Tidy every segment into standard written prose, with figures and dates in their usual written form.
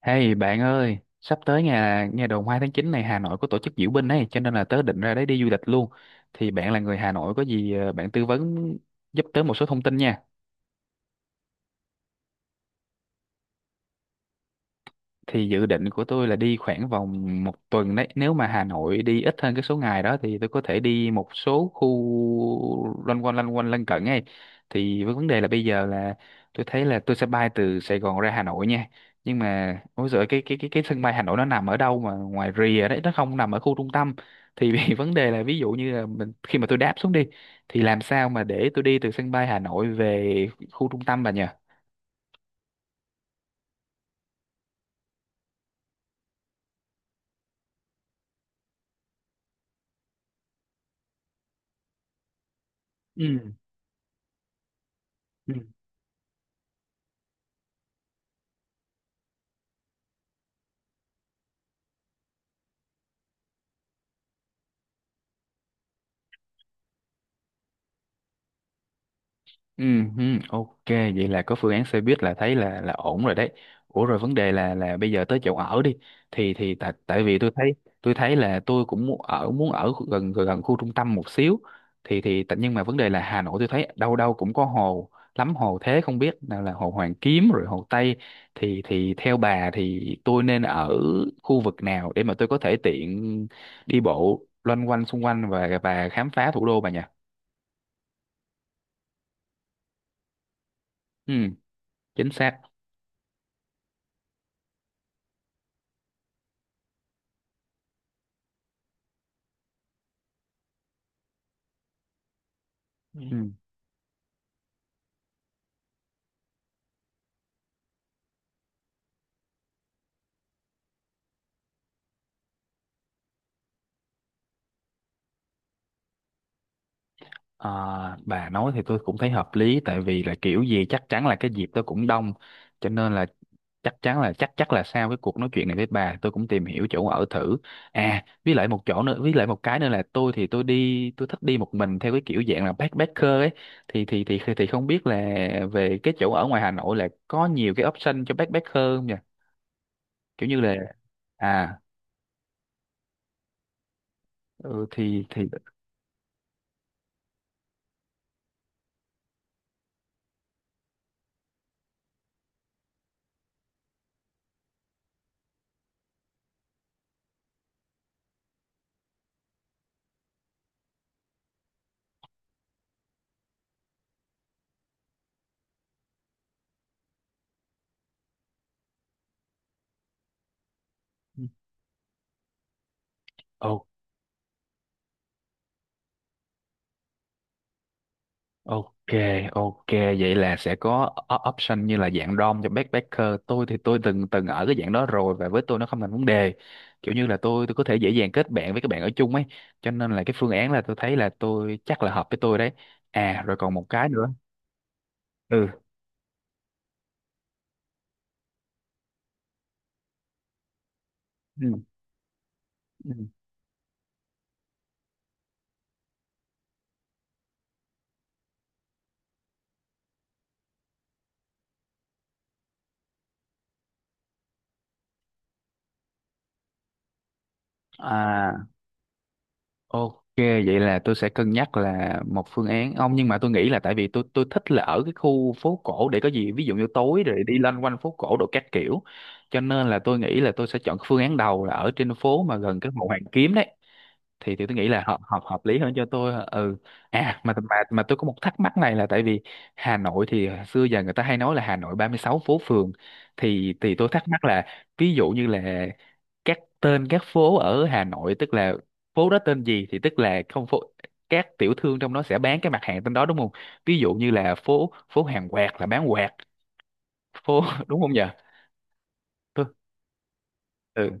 Hey bạn ơi, sắp tới nhà nhà đầu hai tháng 9 này Hà Nội có tổ chức diễu binh ấy, cho nên là tớ định ra đấy đi du lịch luôn. Thì bạn là người Hà Nội có gì bạn tư vấn giúp tớ một số thông tin nha. Thì dự định của tôi là đi khoảng vòng một tuần đấy, nếu mà Hà Nội đi ít hơn cái số ngày đó thì tôi có thể đi một số khu loanh quanh lân cận ấy. Thì với vấn đề là bây giờ là tôi thấy là tôi sẽ bay từ Sài Gòn ra Hà Nội nha. Nhưng mà ôi giời, cái sân bay Hà Nội nó nằm ở đâu mà ngoài rìa đấy, nó không nằm ở khu trung tâm. Thì vì vấn đề là ví dụ như là mình, khi mà tôi đáp xuống đi thì làm sao mà để tôi đi từ sân bay Hà Nội về khu trung tâm bà nhỉ? Ừ. Ừ. Ừ, ừ, ok, vậy là có phương án xe buýt là thấy là ổn rồi đấy. Ủa rồi vấn đề là bây giờ tới chỗ ở đi, thì tại tại vì tôi thấy, tôi thấy là tôi cũng muốn ở, gần gần khu trung tâm một xíu. Nhưng mà vấn đề là Hà Nội tôi thấy đâu đâu cũng có hồ, lắm hồ thế, không biết nào là hồ Hoàn Kiếm rồi hồ Tây. Thì theo bà thì tôi nên ở khu vực nào để mà tôi có thể tiện đi bộ loanh quanh xung quanh và khám phá thủ đô bà nhỉ? Ừ, chính xác. Ừ. Ừ. À, bà nói thì tôi cũng thấy hợp lý, tại vì là kiểu gì chắc chắn là cái dịp tôi cũng đông, cho nên là chắc chắn là chắc chắc là sau cái cuộc nói chuyện này với bà tôi cũng tìm hiểu chỗ ở thử. À, với lại một chỗ nữa, với lại một cái nữa là tôi thì tôi đi, tôi thích đi một mình theo cái kiểu dạng là backpacker ấy. Thì không biết là về cái chỗ ở ngoài Hà Nội là có nhiều cái option cho backpacker không nhỉ, kiểu như là. À. Ừ, thì. Ok. Ok, ok, vậy là sẽ có option như là dạng DOM cho backpacker. Tôi thì tôi từng từng ở cái dạng đó rồi và với tôi nó không thành vấn đề. Kiểu như là tôi có thể dễ dàng kết bạn với các bạn ở chung ấy. Cho nên là cái phương án là tôi thấy là tôi chắc là hợp với tôi đấy. À rồi còn một cái nữa. Ừ. Ừ. Ừ. À. Ok, vậy là tôi sẽ cân nhắc là một phương án ông, nhưng mà tôi nghĩ là tại vì tôi thích là ở cái khu phố cổ, để có gì ví dụ như tối rồi đi loanh quanh phố cổ đồ các kiểu, cho nên là tôi nghĩ là tôi sẽ chọn cái phương án đầu là ở trên phố mà gần cái hồ Hoàn Kiếm đấy. Thì tôi nghĩ là hợp hợp hợp lý hơn cho tôi, ừ. À mà tôi có một thắc mắc này là tại vì Hà Nội thì xưa giờ người ta hay nói là Hà Nội 36 phố phường, thì tôi thắc mắc là ví dụ như là các tên các phố ở Hà Nội, tức là phố đó tên gì thì tức là không phố, các tiểu thương trong đó sẽ bán cái mặt hàng tên đó đúng không? Ví dụ như là phố phố hàng quạt là bán quạt, phố đúng không nhỉ? Ừ. Ừ.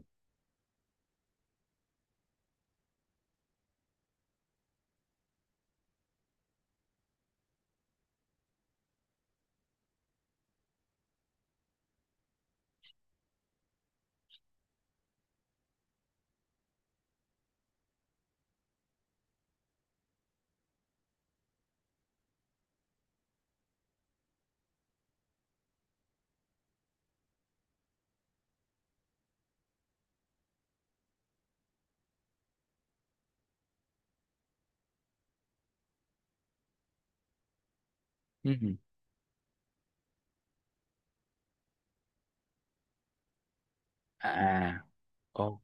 Ừ. À. Ô.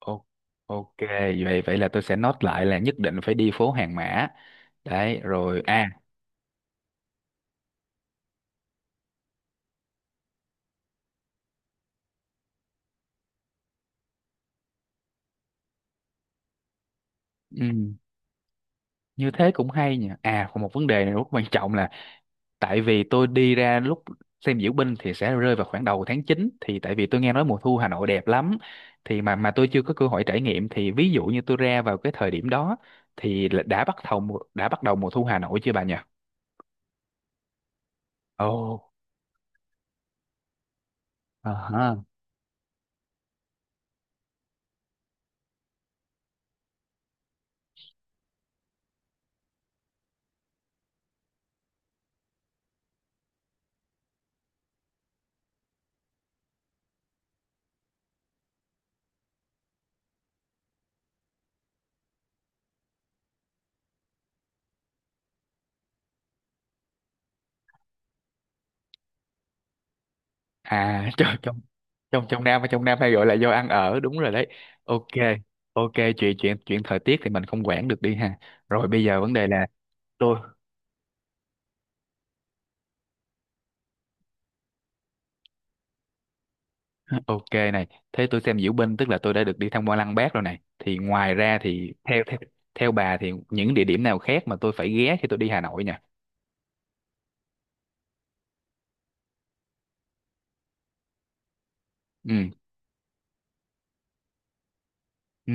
Ô. Ok, vậy vậy là tôi sẽ note lại là nhất định phải đi phố hàng mã đấy rồi, à. Ừ. Như thế cũng hay nhỉ. À còn một vấn đề này rất quan trọng là tại vì tôi đi ra lúc xem diễu binh thì sẽ rơi vào khoảng đầu tháng chín, thì tại vì tôi nghe nói mùa thu Hà Nội đẹp lắm thì mà tôi chưa có cơ hội trải nghiệm, thì ví dụ như tôi ra vào cái thời điểm đó thì là đã bắt đầu đã bắt đầu mùa thu Hà Nội chưa bà nhỉ? Ồ, à ha. À trong trong trong trong Nam, hay gọi là do ăn ở, đúng rồi đấy. Ok, ok, chuyện chuyện chuyện thời tiết thì mình không quản được đi ha. Rồi bây giờ vấn đề là tôi. Ok này, thế tôi xem diễu binh tức là tôi đã được đi tham quan Lăng Bác rồi này. Thì ngoài ra thì theo theo theo bà thì những địa điểm nào khác mà tôi phải ghé khi tôi đi Hà Nội nha. Ừ. Ừ.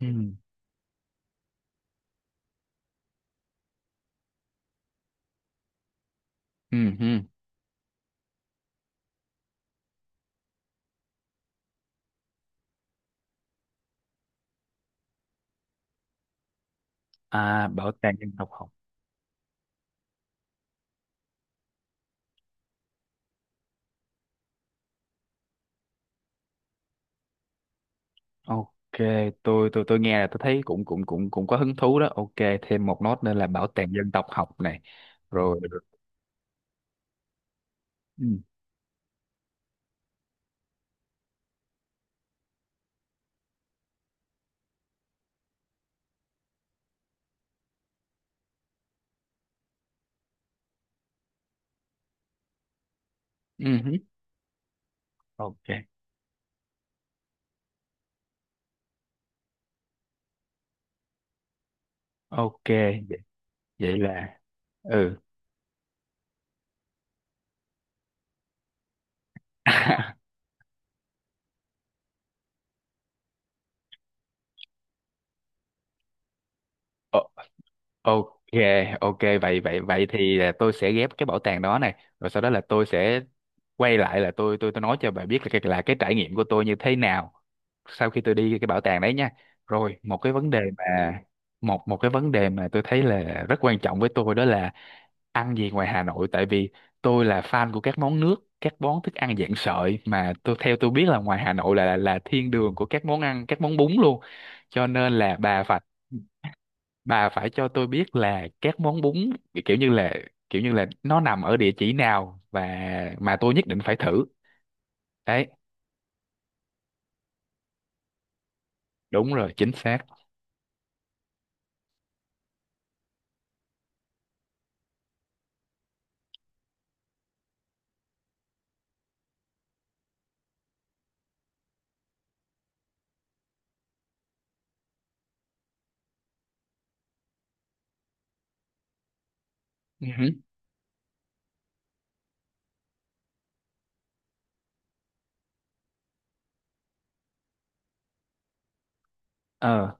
Ừ. Ừ. Ừ. À bảo tàng dân tộc học. Ok, tôi nghe là tôi thấy cũng cũng cũng cũng có hứng thú đó. Ok, thêm một nốt nữa là bảo tàng dân tộc học này. Rồi. Rồi. Ừ. Ừ. Hứ. Ok. Ok, vậy là, ừ. Ờ. Ok, ok vậy vậy vậy thì là tôi sẽ ghép cái bảo tàng đó này, rồi sau đó là tôi sẽ quay lại là tôi nói cho bà biết là cái trải nghiệm của tôi như thế nào sau khi tôi đi cái bảo tàng đấy nha. Rồi, một cái vấn đề mà một một cái vấn đề mà tôi thấy là rất quan trọng với tôi đó là ăn gì ngoài Hà Nội, tại vì tôi là fan của các món nước, các món thức ăn dạng sợi, mà tôi theo tôi biết là ngoài Hà Nội là thiên đường của các món ăn, các món bún luôn. Cho nên là bà phải, cho tôi biết là các món bún, kiểu như là, kiểu như là nó nằm ở địa chỉ nào và mà tôi nhất định phải thử đấy. Đúng rồi, chính xác. Ừ hử. Ờ.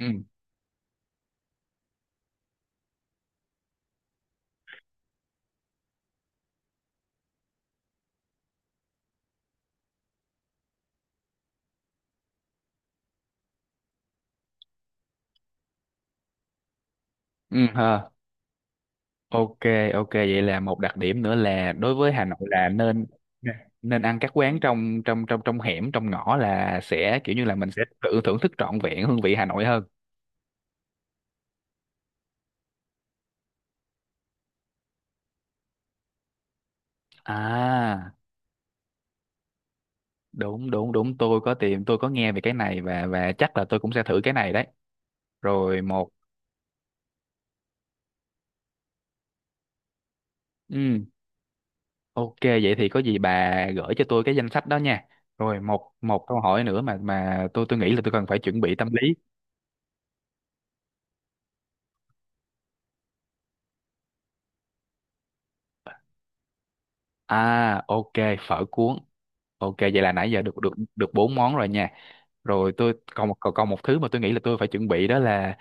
Ừ. Ừ hờ. Ok. Ok, vậy là một đặc điểm nữa là đối với Hà Nội là nên, nên ăn các quán trong trong trong trong hẻm, trong ngõ, là sẽ kiểu như là mình sẽ tự thưởng thức trọn vẹn hương vị Hà Nội hơn. À đúng đúng đúng tôi có tìm, tôi có nghe về cái này và chắc là tôi cũng sẽ thử cái này đấy. Rồi một. Ừ. Ok vậy thì có gì bà gửi cho tôi cái danh sách đó nha. Rồi một một câu hỏi nữa mà tôi nghĩ là tôi cần phải chuẩn bị tâm lý. À ok, phở cuốn. Ok vậy là nãy giờ được được được bốn món rồi nha. Rồi tôi còn một, còn còn một thứ mà tôi nghĩ là tôi phải chuẩn bị đó là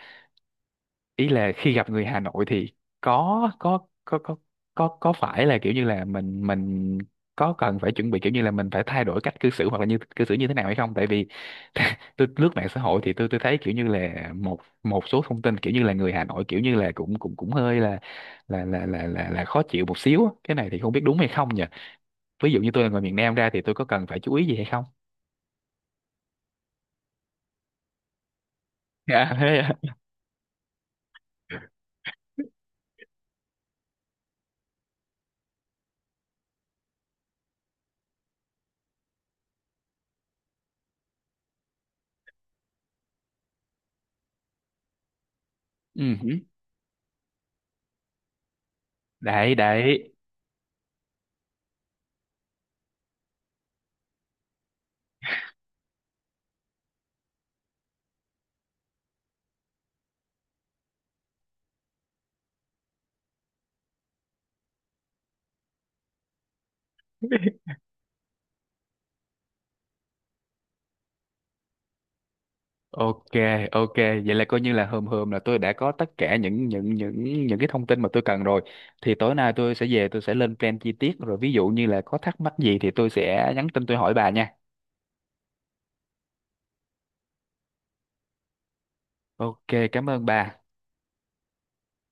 ý là khi gặp người Hà Nội thì có có có có có phải là kiểu như là mình, có cần phải chuẩn bị kiểu như là mình phải thay đổi cách cư xử hoặc là như cư xử như thế nào hay không, tại vì tôi lướt mạng xã hội thì tôi thấy kiểu như là một một số thông tin kiểu như là người Hà Nội kiểu như là cũng cũng cũng hơi là khó chịu một xíu á. Cái này thì không biết đúng hay không nhỉ, ví dụ như tôi là người miền Nam ra thì tôi có cần phải chú ý gì hay không? Dạ thế à. Ừ. Đấy đấy. Ok, ok, vậy là coi như là hôm hôm là tôi đã có tất cả những cái thông tin mà tôi cần rồi. Thì tối nay tôi sẽ về tôi sẽ lên plan chi tiết rồi, ví dụ như là có thắc mắc gì thì tôi sẽ nhắn tin tôi hỏi bà nha. Ok, cảm ơn bà.